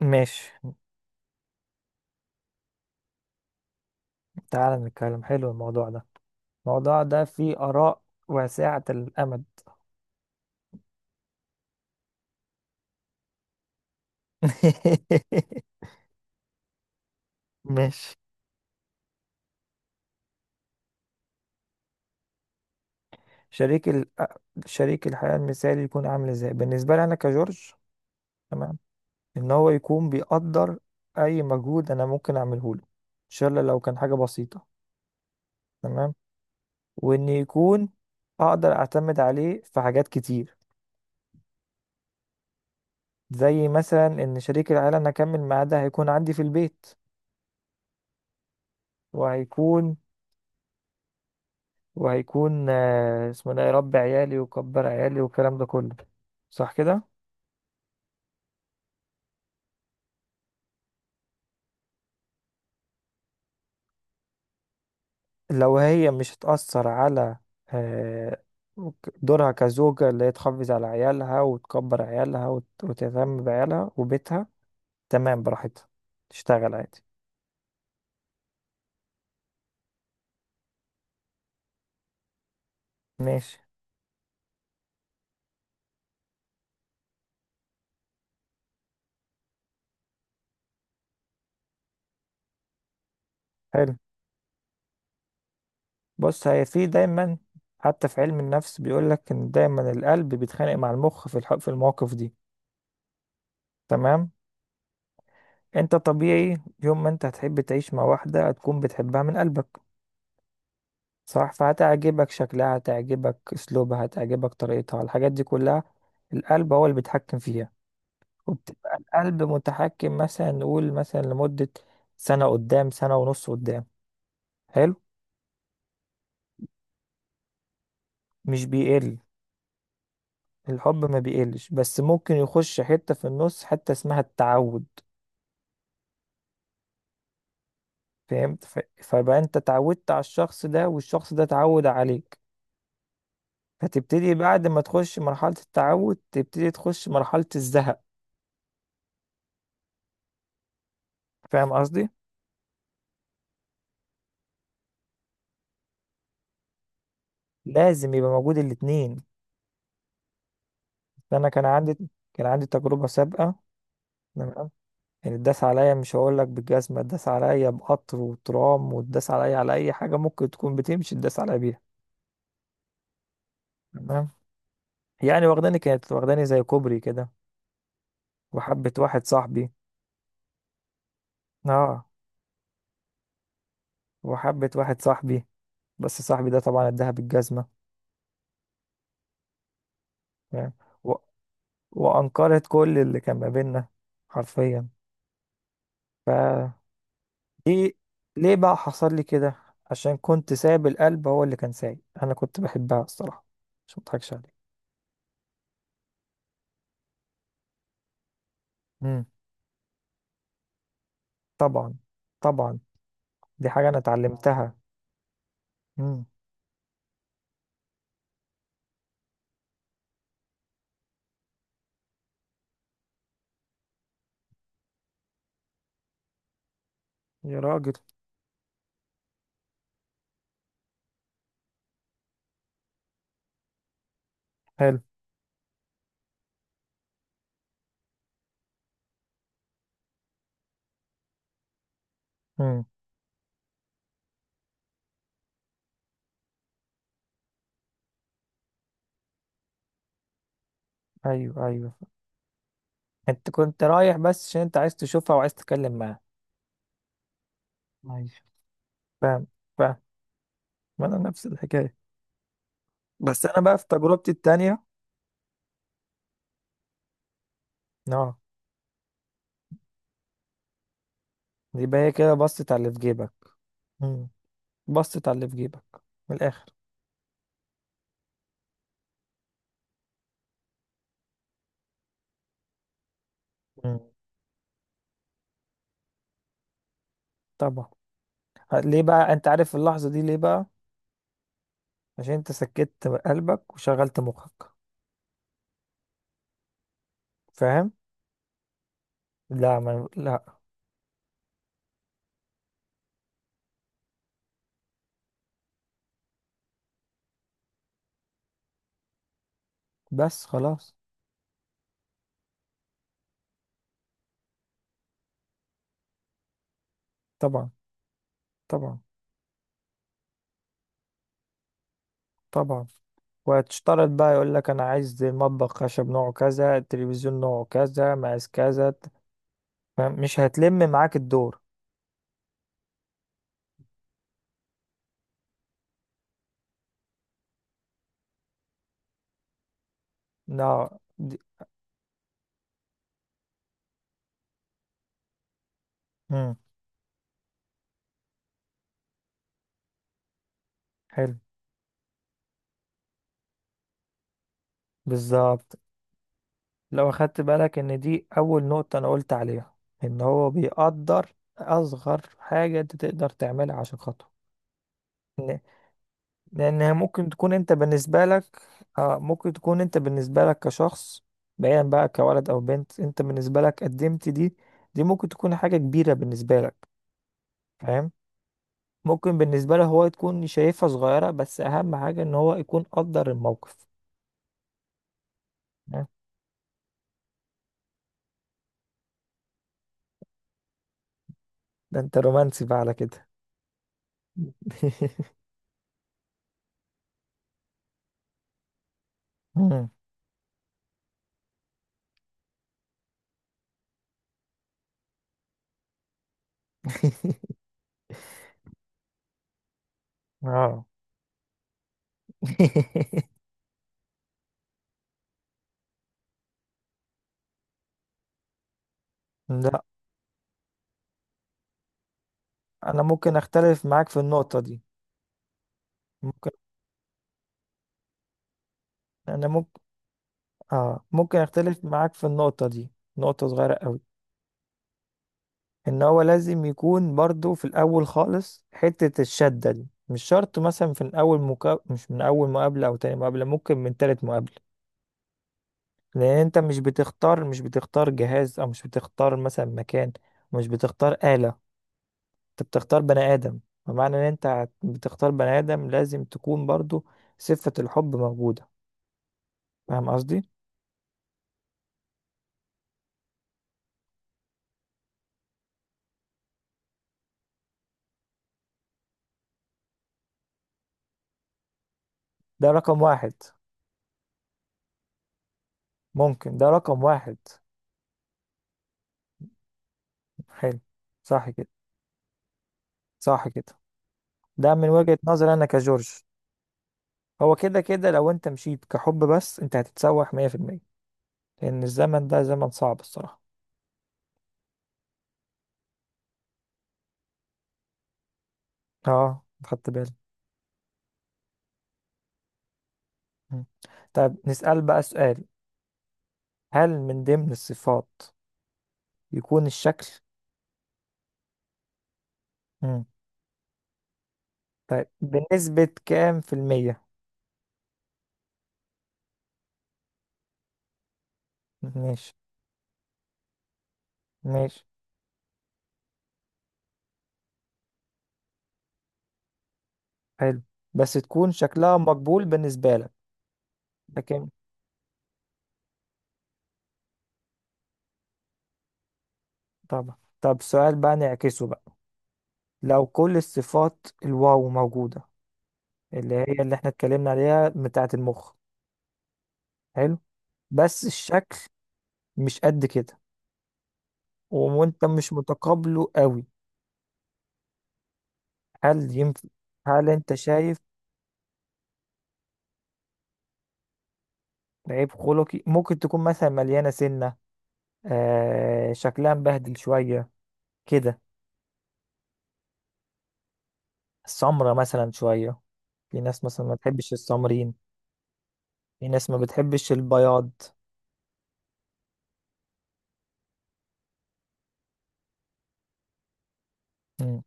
ماشي، تعال نتكلم. حلو الموضوع ده. الموضوع ده فيه آراء واسعة الأمد. ماشي. شريك ال... شريك الحياة المثالي يكون عامل ازاي بالنسبة لي أنا كجورج؟ تمام. إن هو يكون بيقدر أي مجهود أنا ممكن أعمله له، إن شاء الله لو كان حاجة بسيطة. تمام. وإن يكون أقدر أعتمد عليه في حاجات كتير، زي مثلا إن شريك الحياة اللي أنا أكمل معاه ده هيكون عندي في البيت. وهيكون وهيكون اسمه ده يربي عيالي ويكبر عيالي والكلام ده كله، صح كده؟ لو هي مش هتأثر على آه، دورها كزوجة، اللي هي تحافظ على عيالها وتكبر عيالها وتهتم بعيالها وبيتها. تمام، براحتها تشتغل عادي. ماشي. حلو. بص، هي في دايما، حتى في علم النفس بيقولك ان دايما القلب بيتخانق مع المخ في المواقف دي. تمام. انت طبيعي، يوم ما انت هتحب تعيش مع واحدة هتكون بتحبها من قلبك، صح؟ فهتعجبك شكلها، هتعجبك اسلوبها، هتعجبك طريقتها، الحاجات دي كلها القلب هو اللي بيتحكم فيها. وبتبقى القلب متحكم مثلا، نقول مثلا لمدة سنة قدام، سنة ونص قدام. حلو. مش بيقل، الحب ما بيقلش، بس ممكن يخش حتة في النص حتة اسمها التعود. فهمت، فبقى انت اتعودت على الشخص ده والشخص ده اتعود عليك. فتبتدي بعد ما تخش مرحلة التعود تبتدي تخش مرحلة الزهق. فاهم قصدي؟ لازم يبقى موجود الاتنين. انا كان عندي تجربه سابقه. تمام. يعني اتداس عليا، مش هقول لك بالجزمه، اتداس عليا بقطر وترام واتداس عليا على اي حاجه ممكن تكون بتمشي اتداس عليا بيها. تمام. يعني واخداني، كانت واخداني زي كوبري كده، وحبه واحد صاحبي. اه. وحبه واحد صاحبي، بس صاحبي ده طبعا اداها بالجزمه. تمام. و... وانكرت كل اللي كان ما بيننا، حرفيا. ايه، ليه بقى حصل لي كده؟ عشان كنت سايب القلب هو اللي كان سايق، انا كنت بحبها الصراحه، مش مضحكش عليك. امم. طبعا. طبعا، دي حاجه انا اتعلمتها. امم. يا راجل. حلو. امم. ايوه، ايوه، انت كنت رايح بس عشان انت عايز تشوفها وعايز تتكلم معاها. ماشي. فاهم. فاهم، ما انا نفس الحكايه، بس انا بقى في تجربتي التانية. اه، يبقى هي كده بصت على اللي في جيبك. امم. بصت على اللي في جيبك من الاخر. امم. طبعا. ليه بقى، انت عارف اللحظة دي ليه بقى؟ عشان انت سكت قلبك وشغلت مخك. فاهم. لا، ما لا. بس خلاص. طبعا. طبعا. طبعا. وهتشترط بقى، يقول لك انا عايز المطبخ خشب نوعه كذا، التلفزيون نوعه كذا، مقاس كذا، فاهم؟ مش هتلم معاك الدور. لا دي... مم. حلو. بالظبط. لو اخدت بالك ان دي اول نقطة انا قلت عليها، ان هو بيقدر اصغر حاجة انت تقدر تعملها عشان خاطره. لأنها ممكن تكون أنت بالنسبة لك، آه، ممكن تكون أنت بالنسبة لك كشخص، بعيدا بقى كولد أو بنت، أنت بالنسبة لك قدمت دي، دي ممكن تكون حاجة كبيرة بالنسبة لك. فاهم؟ ممكن بالنسبة له هو تكون شايفها صغيرة، بس أهم حاجة إن هو يكون قدر الموقف. آه، ده أنت رومانسي بقى على كده. مم. اه. لا، أنا ممكن أختلف معاك في النقطة دي. ممكن. أنا ممكن، آه، ممكن أختلف معاك في النقطة دي. نقطة صغيرة أوي، ان هو لازم يكون برضو في الاول خالص حتة الشدة دي، مش شرط مثلا في اول مش من اول مقابلة او تاني مقابلة، ممكن من تالت مقابلة. لان انت مش بتختار، مش بتختار جهاز، او مش بتختار مثلا مكان، مش بتختار آلة، انت بتختار بني ادم. فمعنى ان انت بتختار بني ادم، لازم تكون برضو صفة الحب موجودة. فاهم قصدي؟ ده رقم واحد، ممكن ده رقم واحد. حلو. صح كده. صح كده، ده من وجهة نظري انا كجورج. هو كده كده لو انت مشيت كحب بس، انت هتتسوح 100%. لان الزمن ده زمن صعب الصراحة. اه، خدت بالي. مم. طيب نسأل بقى سؤال، هل من ضمن الصفات يكون الشكل؟ مم. طيب بنسبة كام في المية؟ ماشي. ماشي. حلو. بس تكون شكلها مقبول بالنسبة لك. لكن، طبعا. طب سؤال بقى نعكسه بقى، لو كل الصفات الواو موجودة، اللي هي اللي احنا اتكلمنا عليها بتاعة المخ، حلو، بس الشكل مش قد كده، وانت مش متقابله قوي، هل ينفع؟ هل انت شايف؟ عيب خلقي ممكن تكون مثلا مليانة سنة، آه، شكلها مبهدل شوية كده، السمرة مثلا شوية، في ناس مثلا ما بتحبش السمرين، في ناس ما بتحبش البياض. مم.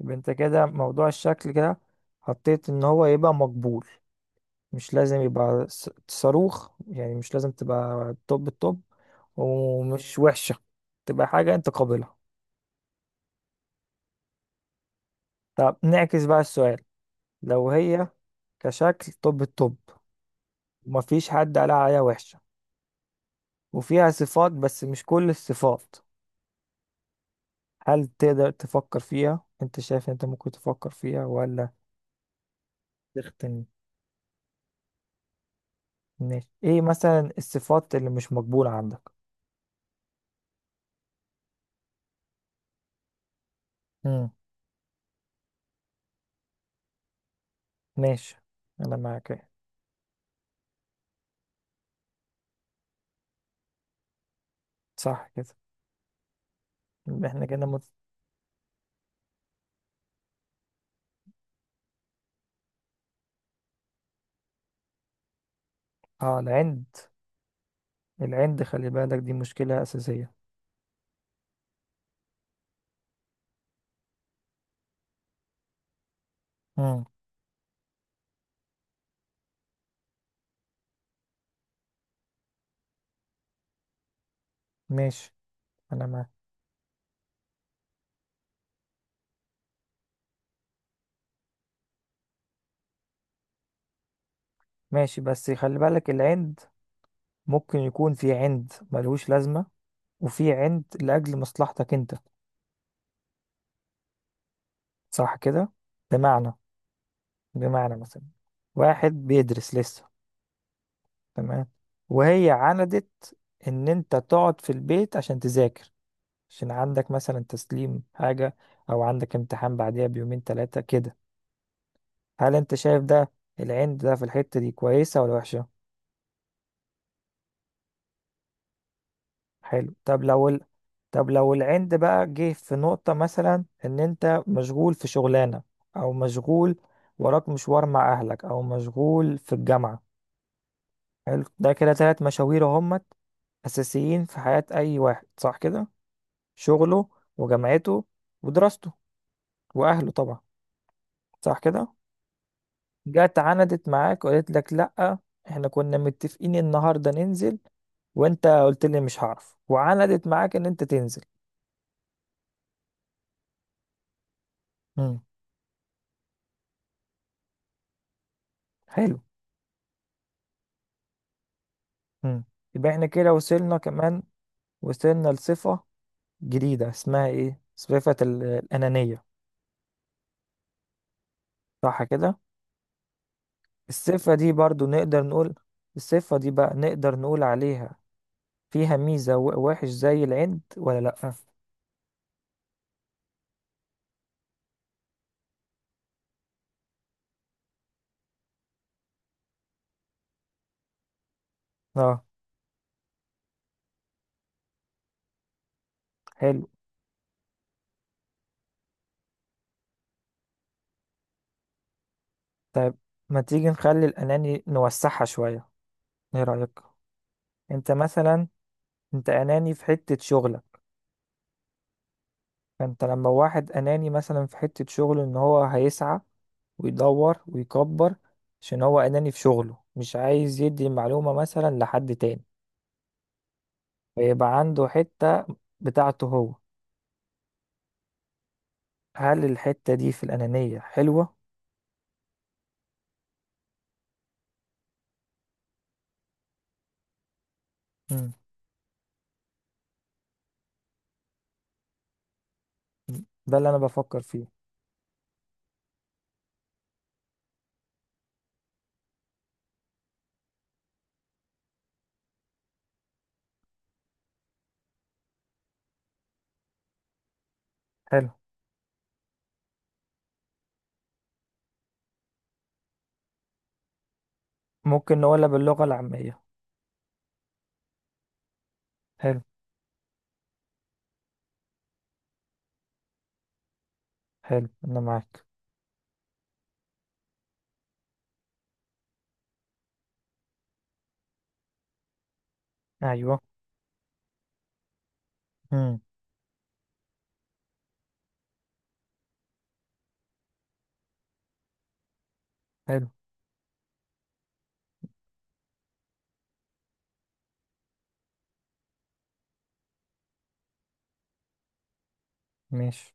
يبقى انت كده موضوع الشكل كده حطيت ان هو يبقى مقبول، مش لازم يبقى صاروخ، يعني مش لازم تبقى توب التوب، ومش وحشة، تبقى حاجة انت قابلها. طب نعكس بقى السؤال، لو هي كشكل طب الطب، ومفيش حد قال عليها وحشة، وفيها صفات بس مش كل الصفات، هل تقدر تفكر فيها؟ انت شايف انت ممكن تفكر فيها ولا؟ تختن. ماشي، ايه مثلا الصفات اللي مش مقبولة عندك؟ امم. ماشي. انا معاك. ايه، صح كده. يبقى احنا كده مت... اه، العند. العند خلي بالك دي مشكلة أساسية. امم. ماشي. انا معاك. ماشي، بس خلي بالك، العند ممكن يكون في عند ملهوش لازمة، وفي عند لأجل مصلحتك أنت. صح كده؟ بمعنى، بمعنى مثلا واحد بيدرس لسه، تمام، وهي عندت إن أنت تقعد في البيت عشان تذاكر، عشان عندك مثلا تسليم حاجة، أو عندك امتحان بعديها بيومين تلاتة كده. هل أنت شايف ده العند ده في الحتة دي كويسة ولا وحشة؟ حلو. طب لو. طب لو العند بقى جه في نقطة، مثلا ان انت مشغول في شغلانة، او مشغول وراك مشوار مع اهلك، او مشغول في الجامعة. حلو، ده كده تلات مشاوير همت اساسيين في حياة اي واحد، صح كده؟ شغله، وجامعته، ودراسته، واهله طبعا، صح كده. جت عندت معاك وقالت لك لا، احنا كنا متفقين النهاردة ننزل، وانت قلت لي مش هعرف، وعندت معاك ان انت تنزل. امم. حلو. مم. يبقى احنا كده وصلنا كمان، وصلنا لصفة جديدة اسمها ايه؟ صفة الأنانية. صح كده؟ الصفة دي برضو نقدر نقول، الصفة دي بقى نقدر نقول عليها فيها ميزة وحش زي العند ولا لأ؟ اه. حلو. طيب ما تيجي نخلي الأناني نوسعها شوية، ايه رأيك؟ انت مثلا، انت أناني في حتة شغلك. فانت، لما واحد أناني مثلا في حتة شغله، ان هو هيسعى ويدور ويكبر، عشان هو أناني في شغله مش عايز يدي المعلومة مثلا لحد تاني، ويبقى عنده حتة بتاعته هو. هل الحتة دي في الأنانية حلوة؟ مم. ده اللي أنا بفكر فيه. حلو. ممكن نقولها باللغة العامية. حلو. حلو، أنا معاك. أيوه. مم. حلو. ماشي.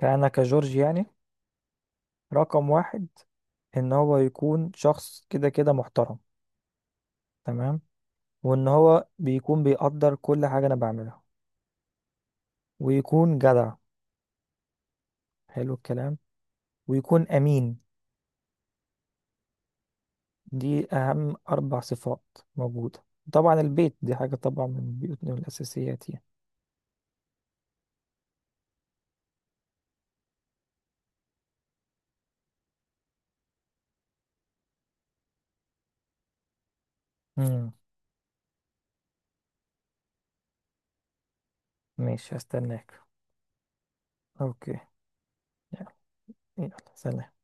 فأنا كجورج يعني، رقم واحد، إن هو يكون شخص كده كده محترم. تمام. وإن هو بيكون بيقدر كل حاجة أنا بعملها. ويكون جدع. حلو الكلام. ويكون أمين. دي أهم أربع صفات موجودة. طبعا البيت دي حاجة طبعا، من بيوتنا من الأساسيات يعني. مم. ماشي، هستناك. أوكي. يلا، يلا سلام.